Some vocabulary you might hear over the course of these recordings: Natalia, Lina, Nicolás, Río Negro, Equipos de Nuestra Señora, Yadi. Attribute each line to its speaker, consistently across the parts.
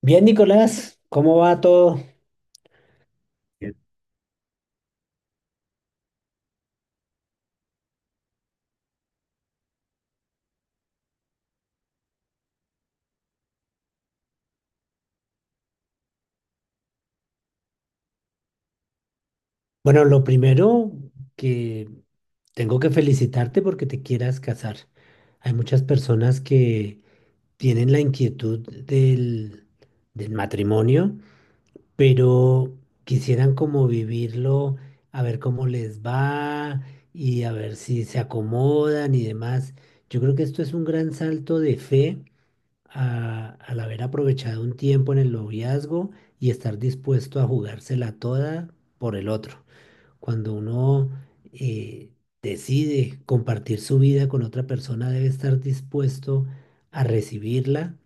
Speaker 1: Bien, Nicolás, ¿cómo va todo? Bueno, lo primero que tengo que felicitarte porque te quieras casar. Hay muchas personas que tienen la inquietud del, del matrimonio, pero quisieran como vivirlo, a ver cómo les va y a ver si se acomodan y demás. Yo creo que esto es un gran salto de fe al haber aprovechado un tiempo en el noviazgo y estar dispuesto a jugársela toda por el otro. Cuando uno eh, decide compartir su vida con otra persona, debe estar dispuesto a recibirla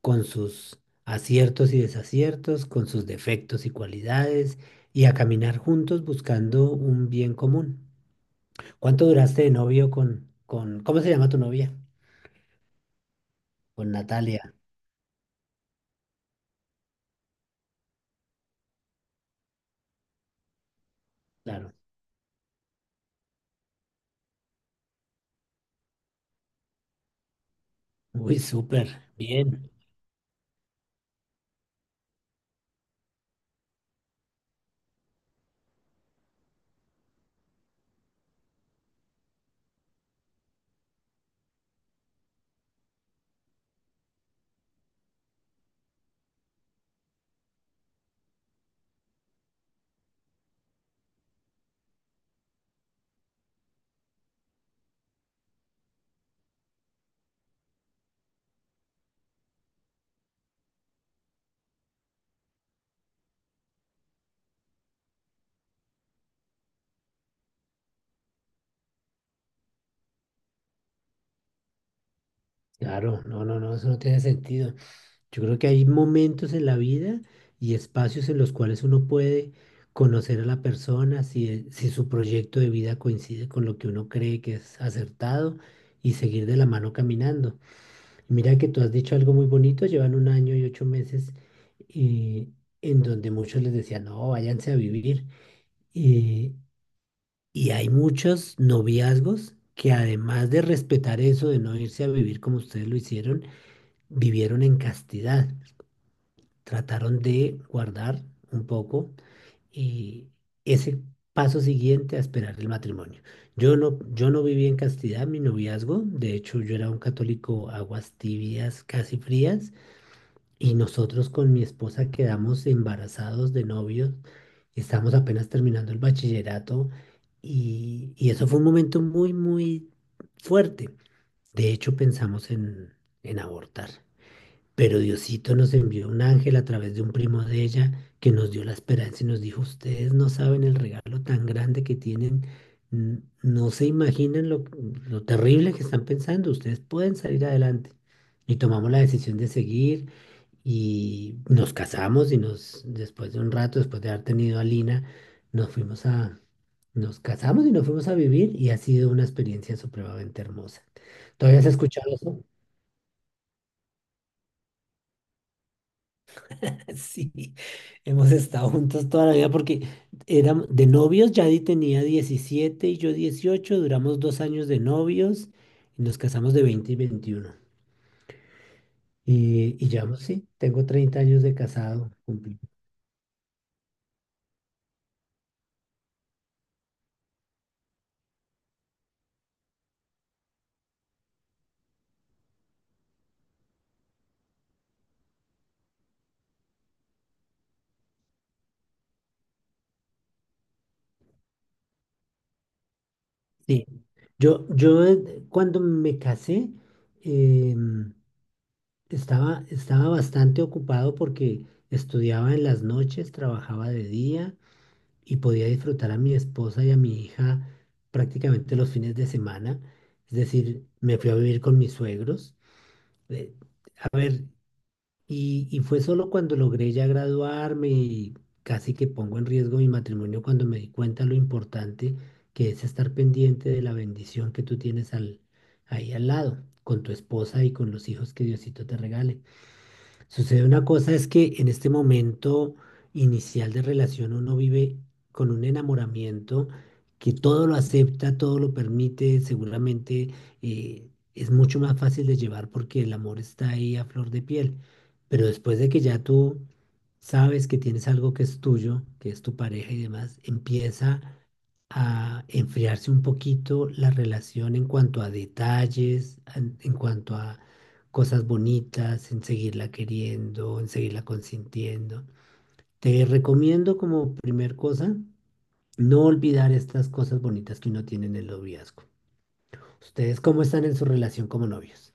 Speaker 1: con sus aciertos y desaciertos, con sus defectos y cualidades, y a caminar juntos buscando un bien común. ¿Cuánto duraste de novio ¿cómo se llama tu novia? Con Natalia, claro. Uy, súper, bien. Claro, no, no, no, eso no tiene sentido. Yo creo que hay momentos en la vida y espacios en los cuales uno puede conocer a la persona si, si su proyecto de vida coincide con lo que uno cree que es acertado y seguir de la mano caminando. Mira que tú has dicho algo muy bonito, llevan un año y 8 meses eh, en donde muchos les decían, no, váyanse a vivir. Eh, y hay muchos noviazgos que además de respetar eso, de no irse a vivir como ustedes lo hicieron, vivieron en castidad, trataron de guardar un poco eh, ese paso siguiente a esperar el matrimonio. Yo no viví en castidad mi noviazgo, de hecho yo era un católico aguas tibias, casi frías, y nosotros con mi esposa quedamos embarazados de novios, estamos apenas terminando el bachillerato y eso fue un momento muy, muy fuerte. De hecho pensamos en abortar. Pero Diosito nos envió un ángel a través de un primo de ella que nos dio la esperanza y nos dijo, ustedes no saben el regalo tan grande que tienen, no se imaginan lo terrible que están pensando, ustedes pueden salir adelante. Y tomamos la decisión de seguir y nos casamos después de un rato, después de haber tenido a Lina, nos fuimos a, nos casamos y nos fuimos a vivir y ha sido una experiencia supremamente hermosa. ¿Todavía has escuchado eso? Sí, hemos estado juntos toda la vida porque éramos de novios, Yadi tenía 17 y yo 18. Duramos 2 años de novios y nos casamos de 20 y 21. Y ya, sí, tengo 30 años de casado. Cumplí. Sí, yo cuando me casé em, estaba bastante ocupado porque estudiaba en las noches, trabajaba de día y podía disfrutar a mi esposa y a mi hija prácticamente los fines de semana. Es decir, me fui a vivir con mis suegros. Eh, a ver, y fue solo cuando logré ya graduarme y casi que pongo en riesgo mi matrimonio cuando me di cuenta lo importante que es estar pendiente de la bendición que tú tienes ahí al lado, con tu esposa y con los hijos que Diosito te regale. Sucede una cosa es que en este momento inicial de relación uno vive con un enamoramiento que todo lo acepta, todo lo permite, seguramente eh, es mucho más fácil de llevar porque el amor está ahí a flor de piel. Pero después de que ya tú sabes que tienes algo que es tuyo, que es tu pareja y demás, empieza a enfriarse un poquito la relación en cuanto a detalles, cuanto a cosas bonitas, en seguirla queriendo, en seguirla consintiendo. Te recomiendo como primer cosa no olvidar estas cosas bonitas que uno tiene en el noviazgo. ¿Ustedes cómo están en su relación como novios?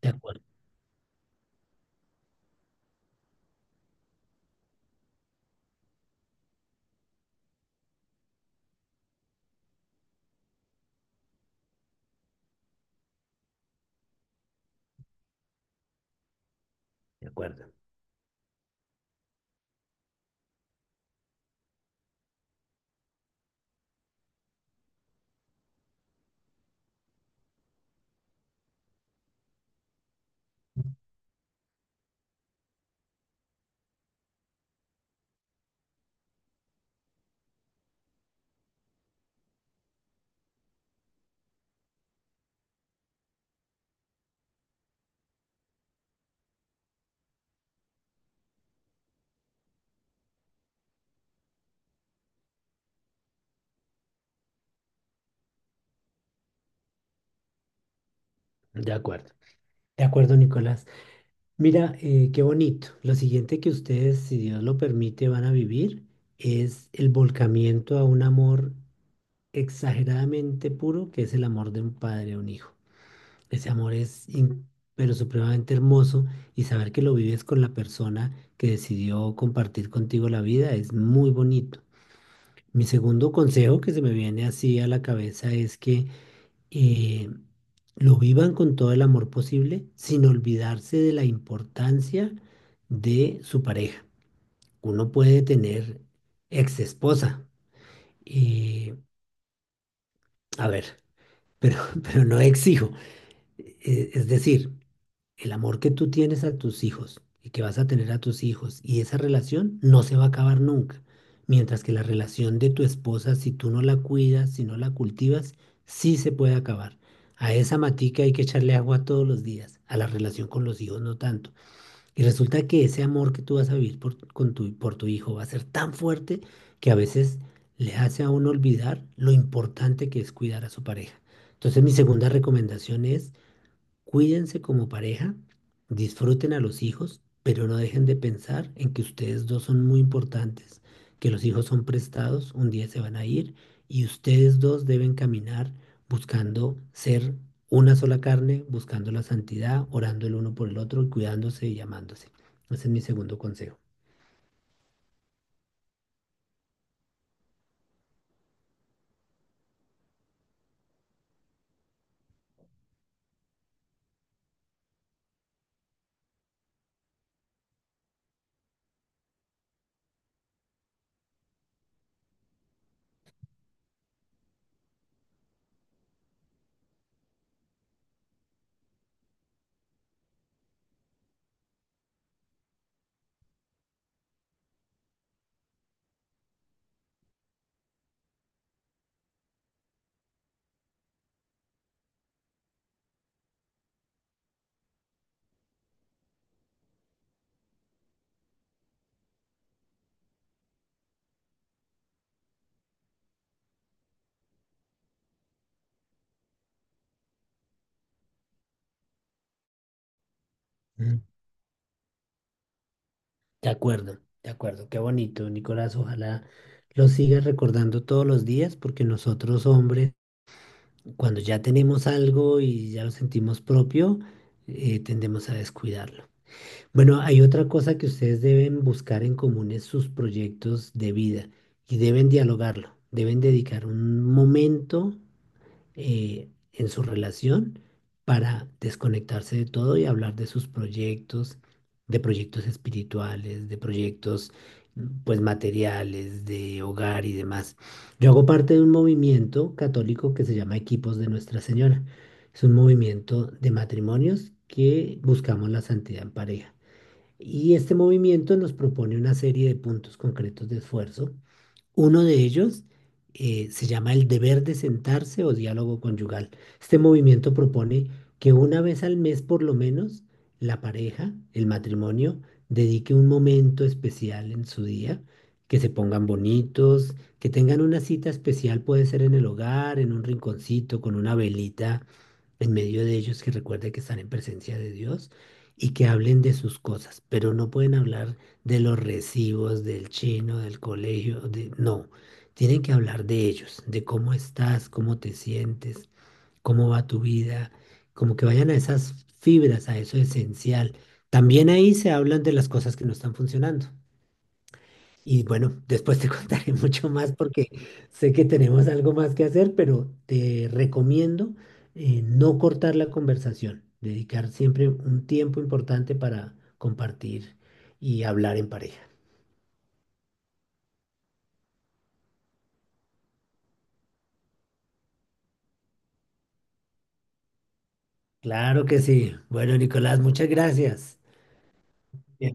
Speaker 1: De acuerdo, de acuerdo, de acuerdo. De acuerdo, Nicolás. Mira, qué bonito. Lo siguiente que ustedes, si Dios lo permite, van a vivir es el volcamiento a un amor exageradamente puro que es el amor de un padre a un hijo. Ese amor es pero supremamente hermoso, y saber que lo vives con la persona que decidió compartir contigo la vida es muy bonito. Mi segundo consejo que se me viene así a la cabeza es que eh, lo vivan con todo el amor posible sin olvidarse de la importancia de su pareja. Uno puede tener ex esposa y, a ver, pero, pero no ex hijo. Es decir, el amor que tú tienes a tus hijos y que vas a tener a tus hijos y esa relación no se va a acabar nunca. Mientras que la relación de tu esposa, si tú no la cuidas, si no la cultivas, sí se puede acabar. A esa matica hay que echarle agua todos los días, a la relación con los hijos no tanto. Y resulta que ese amor que tú vas a vivir por tu hijo va a ser tan fuerte que a veces le hace a uno olvidar lo importante que es cuidar a su pareja. Entonces mi segunda recomendación es: cuídense como pareja, disfruten a los hijos, pero no dejen de pensar en que ustedes dos son muy importantes, que los hijos son prestados, un día se van a ir y ustedes dos deben caminar buscando ser una sola carne, buscando la santidad, orando el uno por el otro, cuidándose y amándose. Ese es mi segundo consejo. Mm. De acuerdo, de acuerdo, qué bonito, Nicolás. Ojalá lo sigas recordando todos los días porque nosotros hombres... Cuando ya tenemos algo y ya lo sentimos propio, tendemos a descuidarlo. Bueno, hay otra cosa que ustedes deben buscar en común es sus proyectos de vida y deben dialogarlo. Deben dedicar un momento en su relación para desconectarse de todo y hablar de sus proyectos, de proyectos espirituales, de proyectos pues materiales, de hogar y demás. Yo hago parte de un movimiento católico que se llama Equipos de Nuestra Señora. Es un movimiento de matrimonios que buscamos la santidad en pareja. Y este movimiento nos propone una serie de puntos concretos de esfuerzo. Uno de ellos se llama el deber de sentarse o diálogo conyugal. Este movimiento propone que una vez al mes por lo menos la pareja, el matrimonio, dedique un momento especial en su día, que se pongan bonitos, que tengan una cita especial, puede ser en el hogar, en un rinconcito, con una velita en medio de ellos que recuerden que están en presencia de Dios y que hablen de sus cosas, pero no pueden hablar de los recibos, del chino, del colegio, de... no, tienen que hablar de ellos, de cómo estás, cómo te sientes, cómo va tu vida, como que vayan a esas fibras, a eso esencial. También ahí se hablan de las cosas que no están funcionando. Y bueno, después te contaré mucho más porque sé que tenemos algo más que hacer, pero te recomiendo no cortar la conversación, dedicar siempre un tiempo importante para compartir y hablar en pareja. Claro que sí. Bueno, Nicolás, muchas gracias. Bien.